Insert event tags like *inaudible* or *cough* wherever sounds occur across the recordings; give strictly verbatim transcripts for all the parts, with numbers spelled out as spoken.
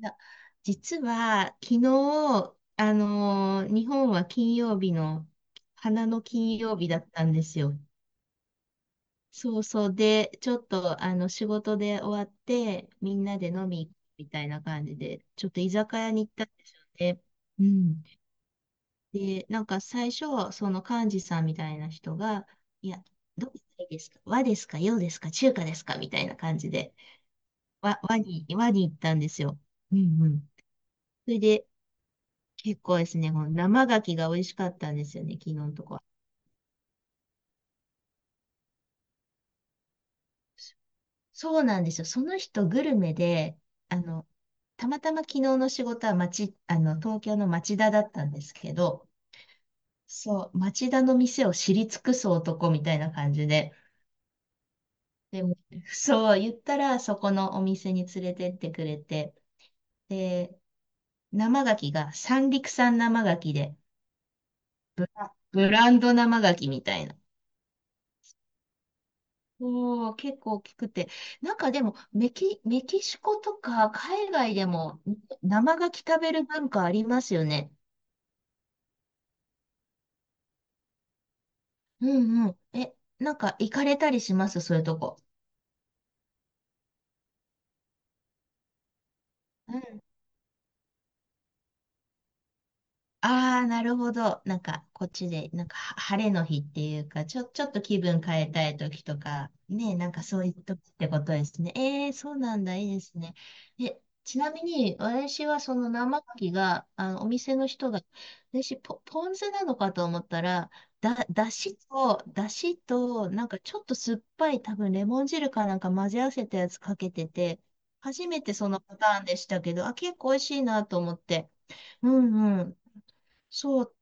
いや、実は、昨日、あのー日本は金曜日の、花の金曜日だったんですよ。そうそう。で、ちょっと、あの、仕事で終わって、みんなで飲み行くみたいな感じで、ちょっと居酒屋に行ったんですよね。うん。で、なんか最初、その幹事さんみたいな人が、いや、どうしたらいいですか、和ですか、洋ですか、中華ですかみたいな感じで、和、和に、和に行ったんですよ。うんうん。それで、結構ですね、この生牡蠣が美味しかったんですよね、昨日のとこは。そうなんですよ。その人グルメで、あの、たまたま昨日の仕事は町、あの、東京の町田だったんですけど、そう、町田の店を知り尽くす男みたいな感じで、でも、そう、言ったらそこのお店に連れてってくれて、で、生牡蠣が三陸産生牡蠣で、ブランド生牡蠣みたいな。おー、結構大きくて。なんかでも、メキ、メキシコとか海外でも生牡蠣食べる文化ありますよね。うんうん。え、なんか行かれたりしますそういうとこ？ああ、なるほど。なんか、こっちで、なんか、は晴れの日っていうか、ちょ、ちょっと気分変えたい時とか、ね、なんかそういう時ってことですね。ええ、そうなんだ、いいですね。え、ちなみに、私はその生牡蠣が、あの、お店の人が、私、ポ、ポン酢なのかと思ったら、だ、だしと、だしと、なんかちょっと酸っぱい、多分レモン汁かなんか混ぜ合わせたやつかけてて、初めてそのパターンでしたけど、あ、結構美味しいなと思って。うんうん。そう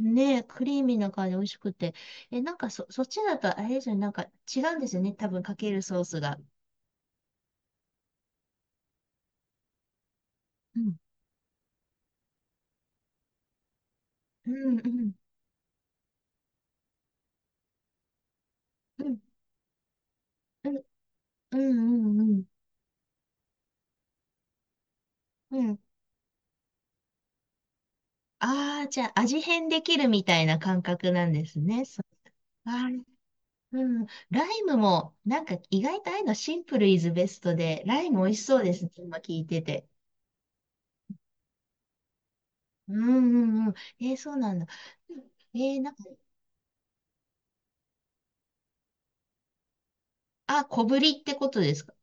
ね、クリーミーな感じ、美味しくて。え、なんかそ、そっちだとあれですよね、なんか違うんですよね、多分かけるソースが。うん。うんうんうん。うんうんうんうん。うん。ああー、じゃあ味変できるみたいな感覚なんですね。そう。あー、うん。ライムも、なんか意外とああいうのシンプルイズベストで、ライム美味しそうですね、今聞いてて。うんうんうん。えーそうなんだ。うん。えーなんか、あ、小ぶりってことですか？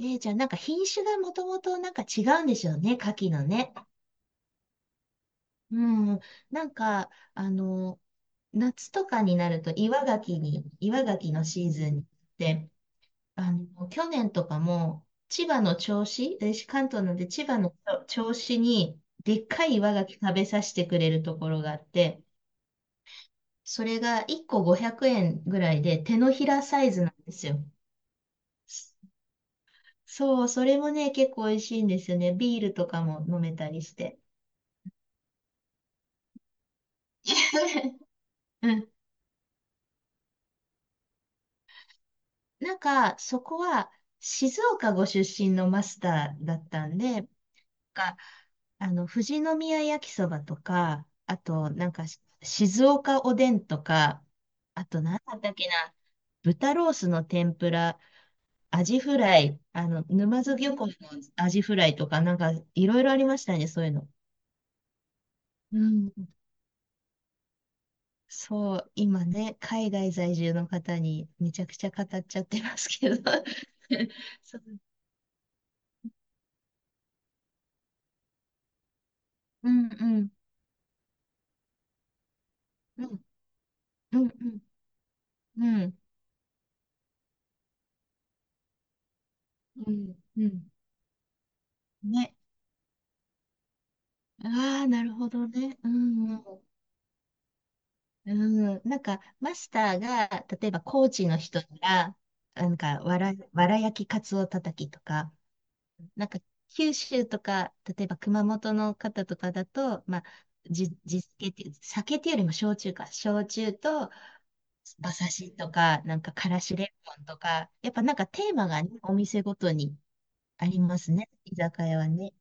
えー、じゃあなんか品種がもともとなんか違うんでしょうね、牡蠣のね。うん。なんか、あの、夏とかになると岩牡蠣に、岩牡蠣のシーズンで、あの、去年とかも千葉の銚子、私関東なんで千葉の銚子にでっかい岩牡蠣食べさせてくれるところがあって、それがいっこごひゃくえんぐらいで手のひらサイズなんですよ。そう、それもね、結構美味しいんですよね。ビールとかも飲めたりして。*laughs* うん。なんか、そこは、静岡ご出身のマスターだったんで、なんか、あの、富士宮焼きそばとか、あと、なんか、し静岡おでんとか、あと、なんだったっけな、豚ロースの天ぷら、アジフライ、あの、沼津漁港のアジフライとか、なんか、いろいろありましたね、そういうの。うん。そう、今ね、海外在住の方にめちゃくちゃ語っちゃってますけど。*laughs* そう。うんうん。うん、うん、うん、うん、うん、うん。ね。ああ、なるほどね。うん、うん、うん。なんか、マスターが、例えば、コーチの人が、なんか、わら、わら焼きカツオたたきとか、なんか、九州とか、例えば、熊本の方とかだと、まあ、じ、地酒っていう、酒っていうよりも焼酎か、焼酎と、馬刺しとか、なんか、からしレモンとか、やっぱなんかテーマがね、お店ごとにありますね、居酒屋はね。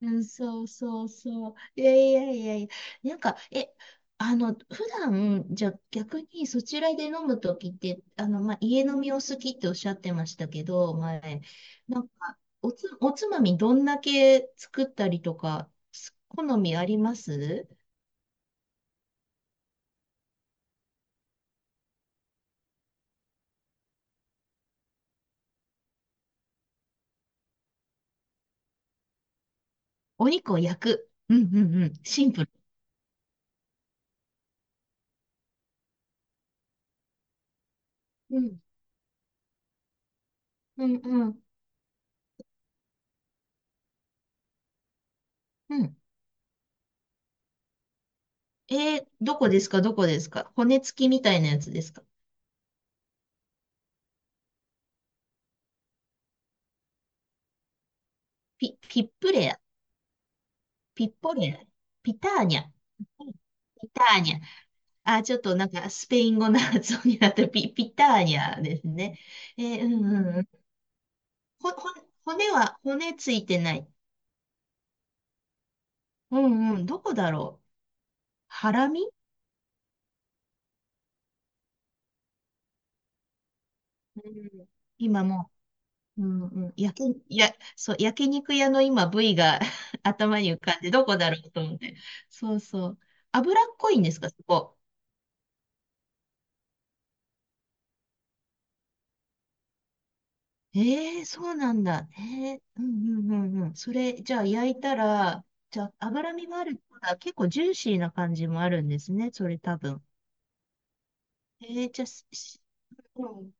うん、そうそうそう。いやいやいやいや。なんか、え、あの、普段、じゃあ逆にそちらで飲むときって、あの、まあ、家飲みを好きっておっしゃってましたけど、前、なんか、おつ、おつまみどんだけ作ったりとか、す好みあります？お肉を焼く。うんうんうん。シンプル。うん。うんうんうん。えー、どこですか、どこですか？骨付きみたいなやつですか？ピ、ピップレア。ピッポリア、ピターニャ。ピターニャ。あ、ちょっとなんかスペイン語の発音になったピ、ピターニャですね。えー、うんうん。ほ、ほ、骨は、骨ついてない？うんうん。どこだろう。ハラミ。うん。今もう、うんうん。焼け、や、そう、焼肉屋の今部位が *laughs* 頭に浮かんで、どこだろうと思って。そうそう。脂っこいんですか、そこ。ええ、そうなんだ。ええ。うんうんうんうん。それ、じゃあ焼いたら、じゃあ脂身もあるってことは結構ジューシーな感じもあるんですね、それ多分。ええ、じゃあ、すしうん、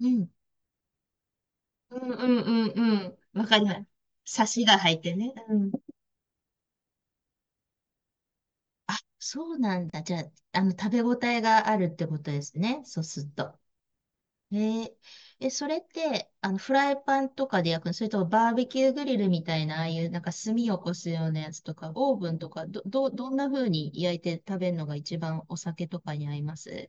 うん、うんうんうんうん。わかります。サシが入ってね。うん。あ、そうなんだ。じゃあ、あの、食べ応えがあるってことですね、そうすると。えー、え、それって、あの、フライパンとかで焼くのそれともバーベキューグリルみたいな、ああいうなんか炭を起こすようなやつとか、オーブンとか、ど、ど、どんな風に焼いて食べるのが一番お酒とかに合います？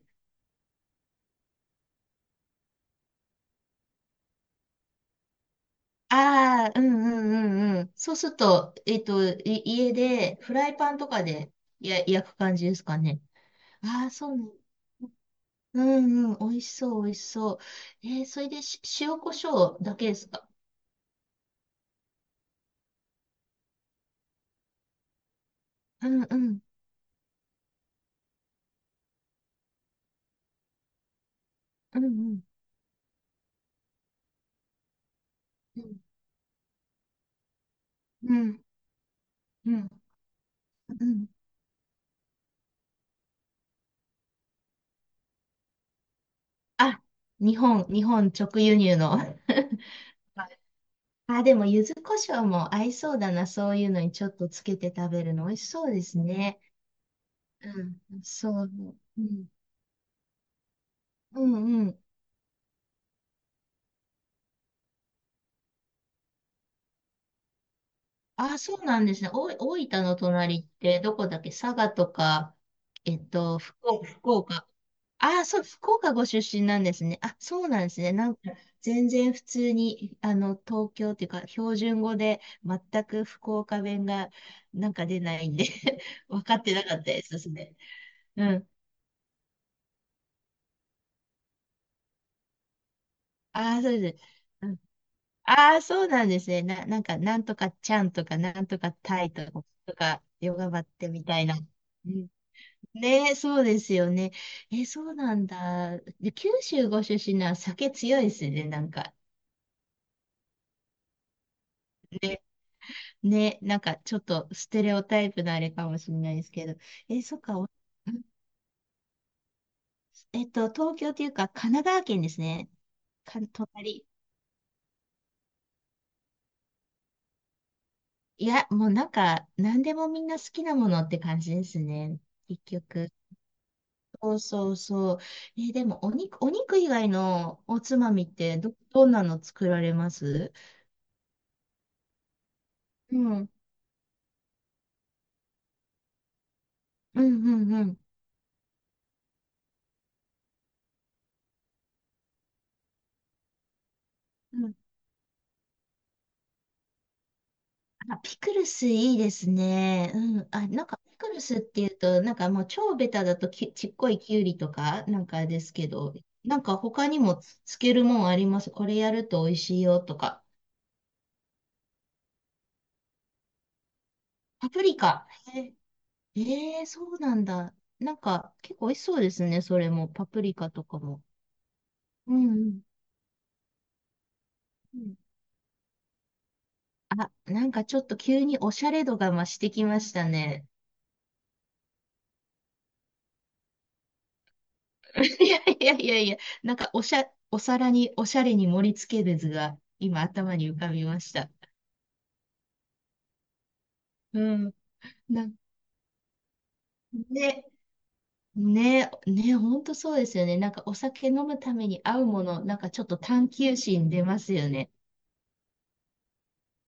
ああー、うんうんうんうん。そうすると、えっと、い家でフライパンとかでや焼く感じですかね。ああ、そうね。うんうん、美味しそう、美味しそう。えー、それでし塩コショウだけですか？うんうん、うんうん、うん、うん、うん。うん。あ、日本、日本直輸入の。はい。 *laughs* あ、でも、柚子胡椒も合いそうだな。そういうのにちょっとつけて食べるの美味しそうですね。うん、そう。うん、うん、うん。あ、そうなんですね。お、大分の隣ってどこだっけ？佐賀とか、えっと、福岡、福岡。ああ、そう、福岡ご出身なんですね。あ、そうなんですね。なんか、全然普通に、あの、東京っていうか、標準語で、全く福岡弁が、なんか出ないんで *laughs* 分かってなかったですそれ。うん。ああ、そうです。うん。ああ、そうなんですね。な、なんか、なんとかちゃんとか、なんとかたいとか、とか、ヨガバってみたいな。うん。ねえ、そうですよね。え、そうなんだ。で、九州ご出身なら酒強いですね、なんか。ねね、なんかちょっとステレオタイプのあれかもしれないですけど。え、そっか。おん。 *laughs* えっと、東京というか、神奈川県ですね。か、隣。いや、もうなんか、何でもみんな好きなものって感じですね。結局。そうそうそう。え、でも、お肉、お肉以外のおつまみってど、どんなの作られます？うん。うん、うん、うん。あ、ピクルスいいですね。うん。あ、なんか、ピクルスっていうと、なんかもう超ベタだとき、ちっこいきゅうりとか、なんかですけど、なんか他にもつ、つけるもんあります？これやると美味しいよとか。パプリカ。ええー、そうなんだ。なんか、結構美味しそうですね。それも、パプリカとかも。うんうん。うん。あ、なんかちょっと急におしゃれ度が増してきましたね。*laughs* いやいやいやいや、なんかおしゃ、お皿におしゃれに盛り付ける図が今頭に浮かびました。うん。な、ね、ね、ね、ほんとそうですよね。なんかお酒飲むために合うもの、なんかちょっと探求心出ますよね。